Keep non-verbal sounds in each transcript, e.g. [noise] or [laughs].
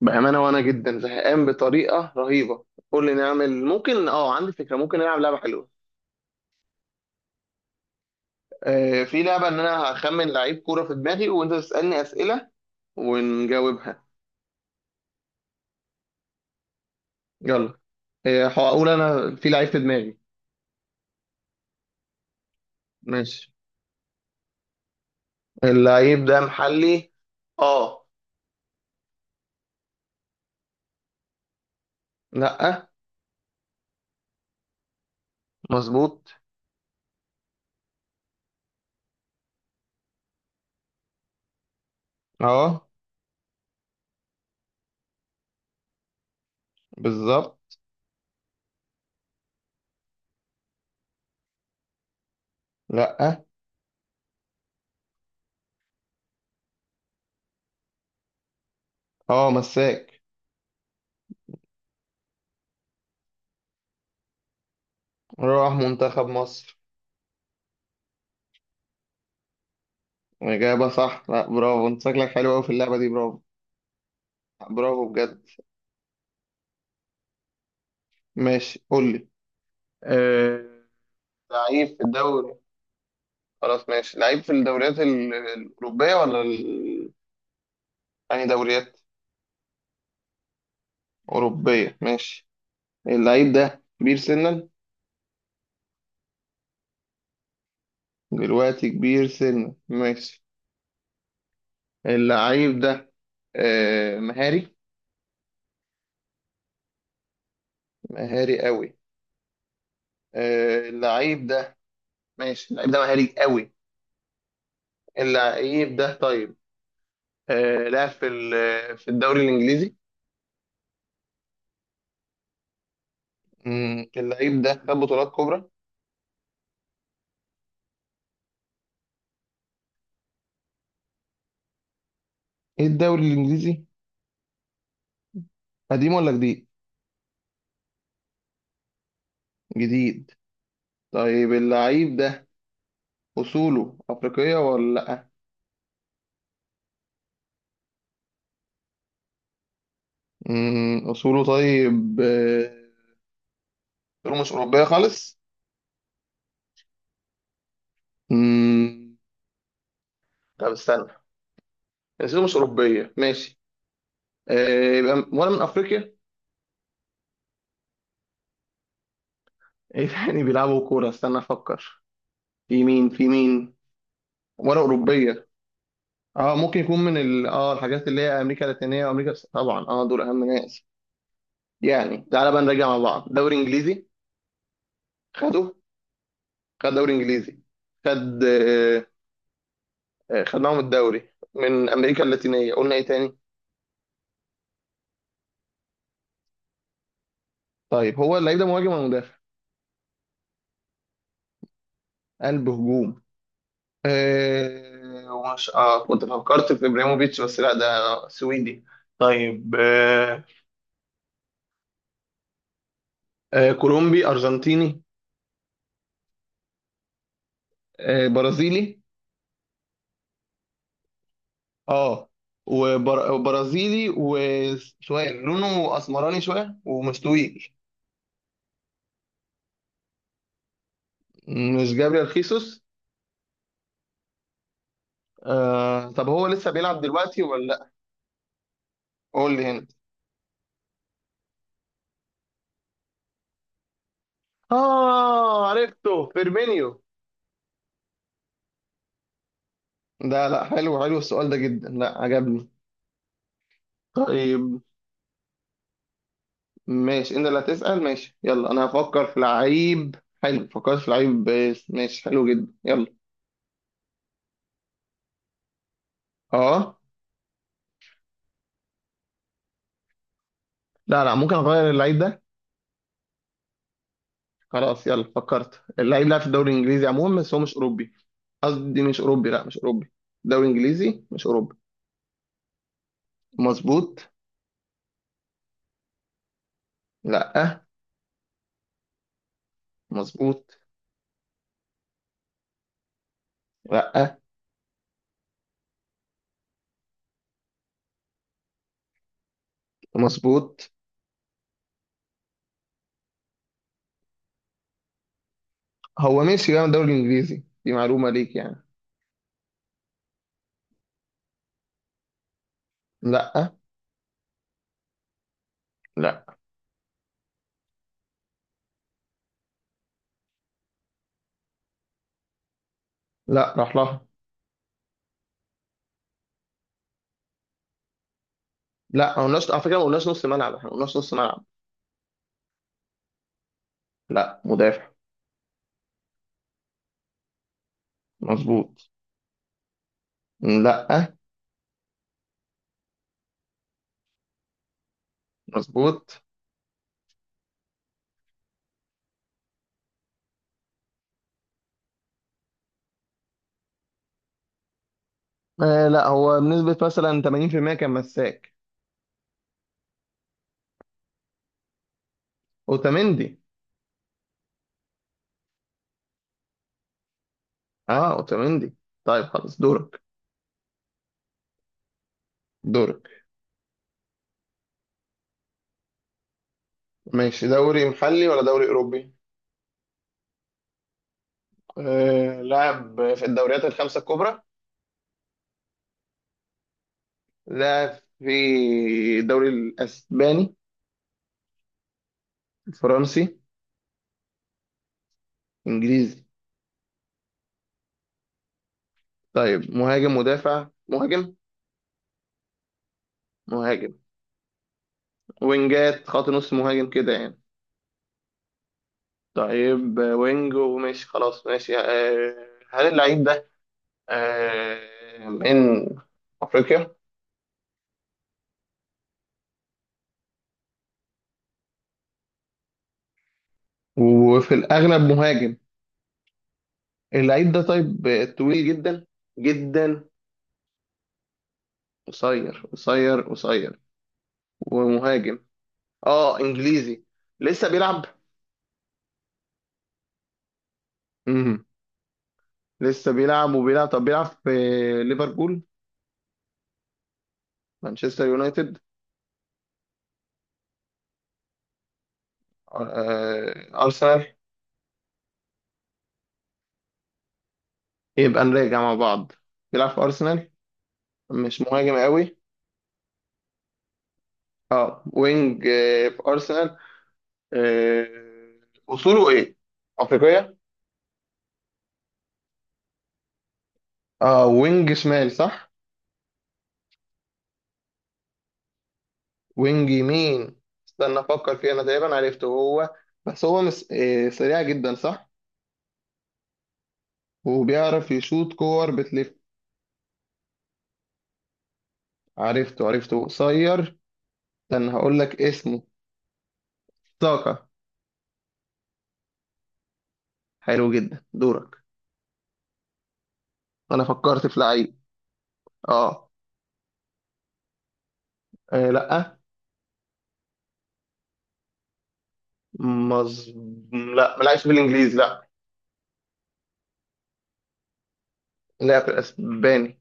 بأمانة، وأنا جدا زهقان بطريقة رهيبة. قول لي نعمل، ممكن، عندي فكرة، ممكن نلعب لعبة حلوة. في لعبة إن أنا هخمن لعيب كورة في دماغي وأنت تسألني أسئلة ونجاوبها. يلا. هقول أنا في لعيب في دماغي. ماشي، اللعيب ده محلي. اه. لأ. مظبوط. اه. بالظبط. لأ. اه مساك. راح منتخب مصر. إجابة صح. لأ، برافو، أنت شكلك حلو أوي في اللعبة دي، برافو. برافو بجد. ماشي، قول لي. آه، لعيب في الدوري. خلاص ماشي، لعيب في الدوريات الأوروبية ولا يعني دوريات أوروبية. ماشي، اللعيب ده كبير سنا. دلوقتي كبير سنا، ماشي. اللعيب ده، مهاري. مهاري قوي. آه، اللعيب ده ماشي، اللعيب ده مهاري قوي. اللعيب ده طيب، لعب في في الدوري الإنجليزي. اللعيب ده خد بطولات كبرى. ايه الدوري الإنجليزي؟ قديم ولا جديد؟ جديد. طيب اللعيب ده، أصوله أفريقية ولا لأ؟ أصوله طيب، أصوله مش أوروبية خالص؟ مم. طب استنى، أصوله مش أوروبية ماشي. يبقى ولا من أفريقيا؟ [laughs] إيه تاني بيلعبوا كورة؟ استنى أفكر، في مين في مين. ولا أوروبية. اه ممكن يكون من ال... اه الحاجات اللي هي امريكا اللاتينيه، وامريكا طبعا، اه دول اهم ناس. يعني تعالى بقى نرجع مع بعض. دوري انجليزي، خده. خد دوري انجليزي. خد، خدناهم الدوري. من امريكا اللاتينيه. قلنا ايه تاني؟ طيب، هو اللعيب ده مهاجم ولا مدافع؟ قلب هجوم. آه ومش اه كنت فكرت في ابراهيموفيتش، بس لا، ده سويدي. طيب. آه. آه كولومبي، ارجنتيني. آه برازيلي. اه وبر- وبرازيلي، وشويه لونه اسمراني شويه، ومش طويل. مش جابريل خيسوس؟ آه، طب هو لسه بيلعب دلوقتي ولا لا؟ قول لي هنا. اه عرفته، فيرمينيو. ده لا، حلو، حلو السؤال ده جدا، لا عجبني. طيب ماشي، انت اللي هتسأل، ماشي يلا، انا هفكر في لعيب. حلو، فكرت في لعيب، بس ماشي، حلو جدا، يلا. اه. لا لا، ممكن اغير اللعيب ده. خلاص يلا، فكرت، اللعيب لعب في الدوري الانجليزي عموما، بس هو مش اوروبي. قصدي مش اوروبي، لا مش اوروبي. دوري انجليزي مش اوروبي. مظبوط. لا. مظبوط. لا. مظبوط. هو ماشي بقى، من الدوري الانجليزي، دي معلومة ليك يعني. لا. لا. لا راح لها. لا ما قلناش على فكره، ما قلناش نص ملعب، احنا ما قلناش نص ملعب. لا، مدافع. مظبوط. لا. مظبوط. لا، هو بنسبه مثلا 80% كان مساك. اوتاميندي. اه، اوتاميندي. طيب خلاص، دورك. دورك. ماشي، دوري محلي ولا دوري اوروبي؟ آه لعب في الدوريات الخمسه الكبرى. لعب في الدوري الاسباني؟ الفرنسي؟ انجليزي. طيب مهاجم، مدافع، مهاجم؟ مهاجم، وينجات، خط نص مهاجم كده يعني. طيب وينج، وماشي، خلاص ماشي. آه، هل اللعيب ده آه، من أفريقيا؟ وفي الأغلب مهاجم. اللعيب ده طيب، طويل جدا جدا؟ قصير، قصير، قصير، ومهاجم، اه انجليزي. لسه بيلعب. امم لسه بيلعب وبيلعب، طب بيلعب في ليفربول؟ مانشستر يونايتد؟ ارسنال. يبقى نراجع مع بعض، بيلعب في ارسنال، مش مهاجم قوي. اه وينج، في ارسنال. آه، اصوله ايه؟ افريقيه. اه، وينج شمال صح؟ وينج يمين. استنى افكر فيه، انا تقريبا عرفته هو، بس هو مس... آه، سريع جدا صح؟ وبيعرف يشوط كور بتلف. عرفته، عرفته، قصير، استنى هقول لك اسمه. ساكا. حلو جدا، دورك. انا فكرت في لعيب. اه. لا. مز... لا ما لعبش في الانجليزي، لا. لعب في الاسباني.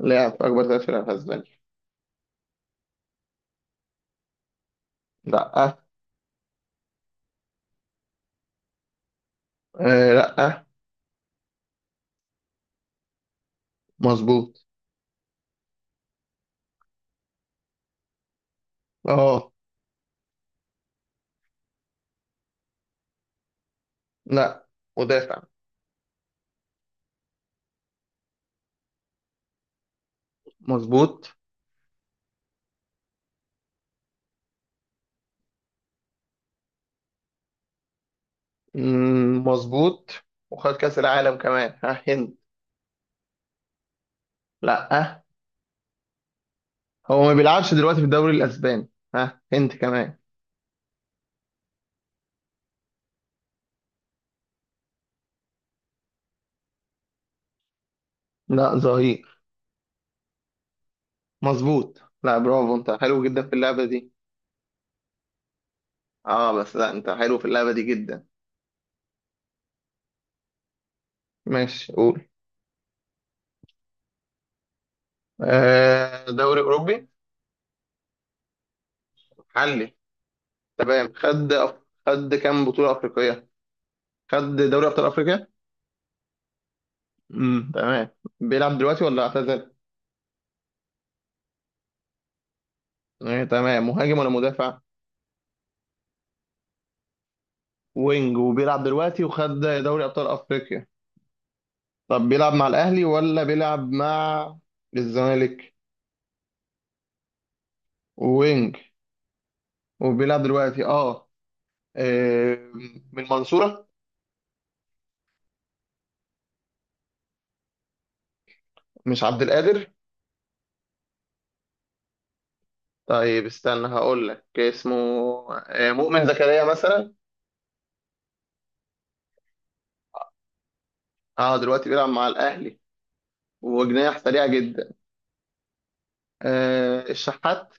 لعب في اكبر 3 فرق في اسبانيا. لا. آه لا. مظبوط. اه. لا مدافع. مظبوط. مظبوط. وخد كأس العالم كمان ها هند. لا. هو ما بيلعبش دلوقتي في الدوري الأسباني ها هند كمان. لا، ظهير. مظبوط، لا برافو، انت حلو جدا في اللعبة دي. اه بس لا، انت حلو في اللعبة دي جدا. ماشي قول. آه دوري أوروبي. حلي. تمام، خد خد كام بطولة أفريقية؟ خد دوري أبطال أفريقيا. تمام، بيلعب دلوقتي ولا اعتزل؟ إيه تمام، مهاجم ولا مدافع؟ وينج، وبيلعب دلوقتي، وخد دوري ابطال افريقيا. طب بيلعب مع الاهلي ولا بيلعب مع الزمالك؟ وينج، وبيلعب دلوقتي اه. آه، من المنصورة؟ مش عبد القادر؟ طيب استنى هقول لك اسمه. مؤمن زكريا مثلا. اه دلوقتي بيلعب مع الاهلي، وجناح سريع جدا. آه، الشحات.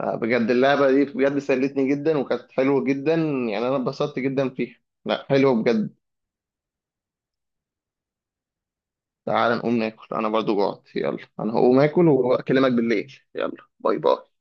آه بجد، اللعبة دي بجد سلتني جدا وكانت حلوة جدا، يعني انا اتبسطت جدا فيها. لا حلوة بجد. تعال نقوم ناكل، انا برضو جوعت، يلا انا هقوم اكل واكلمك بالليل، يلا. باي باي.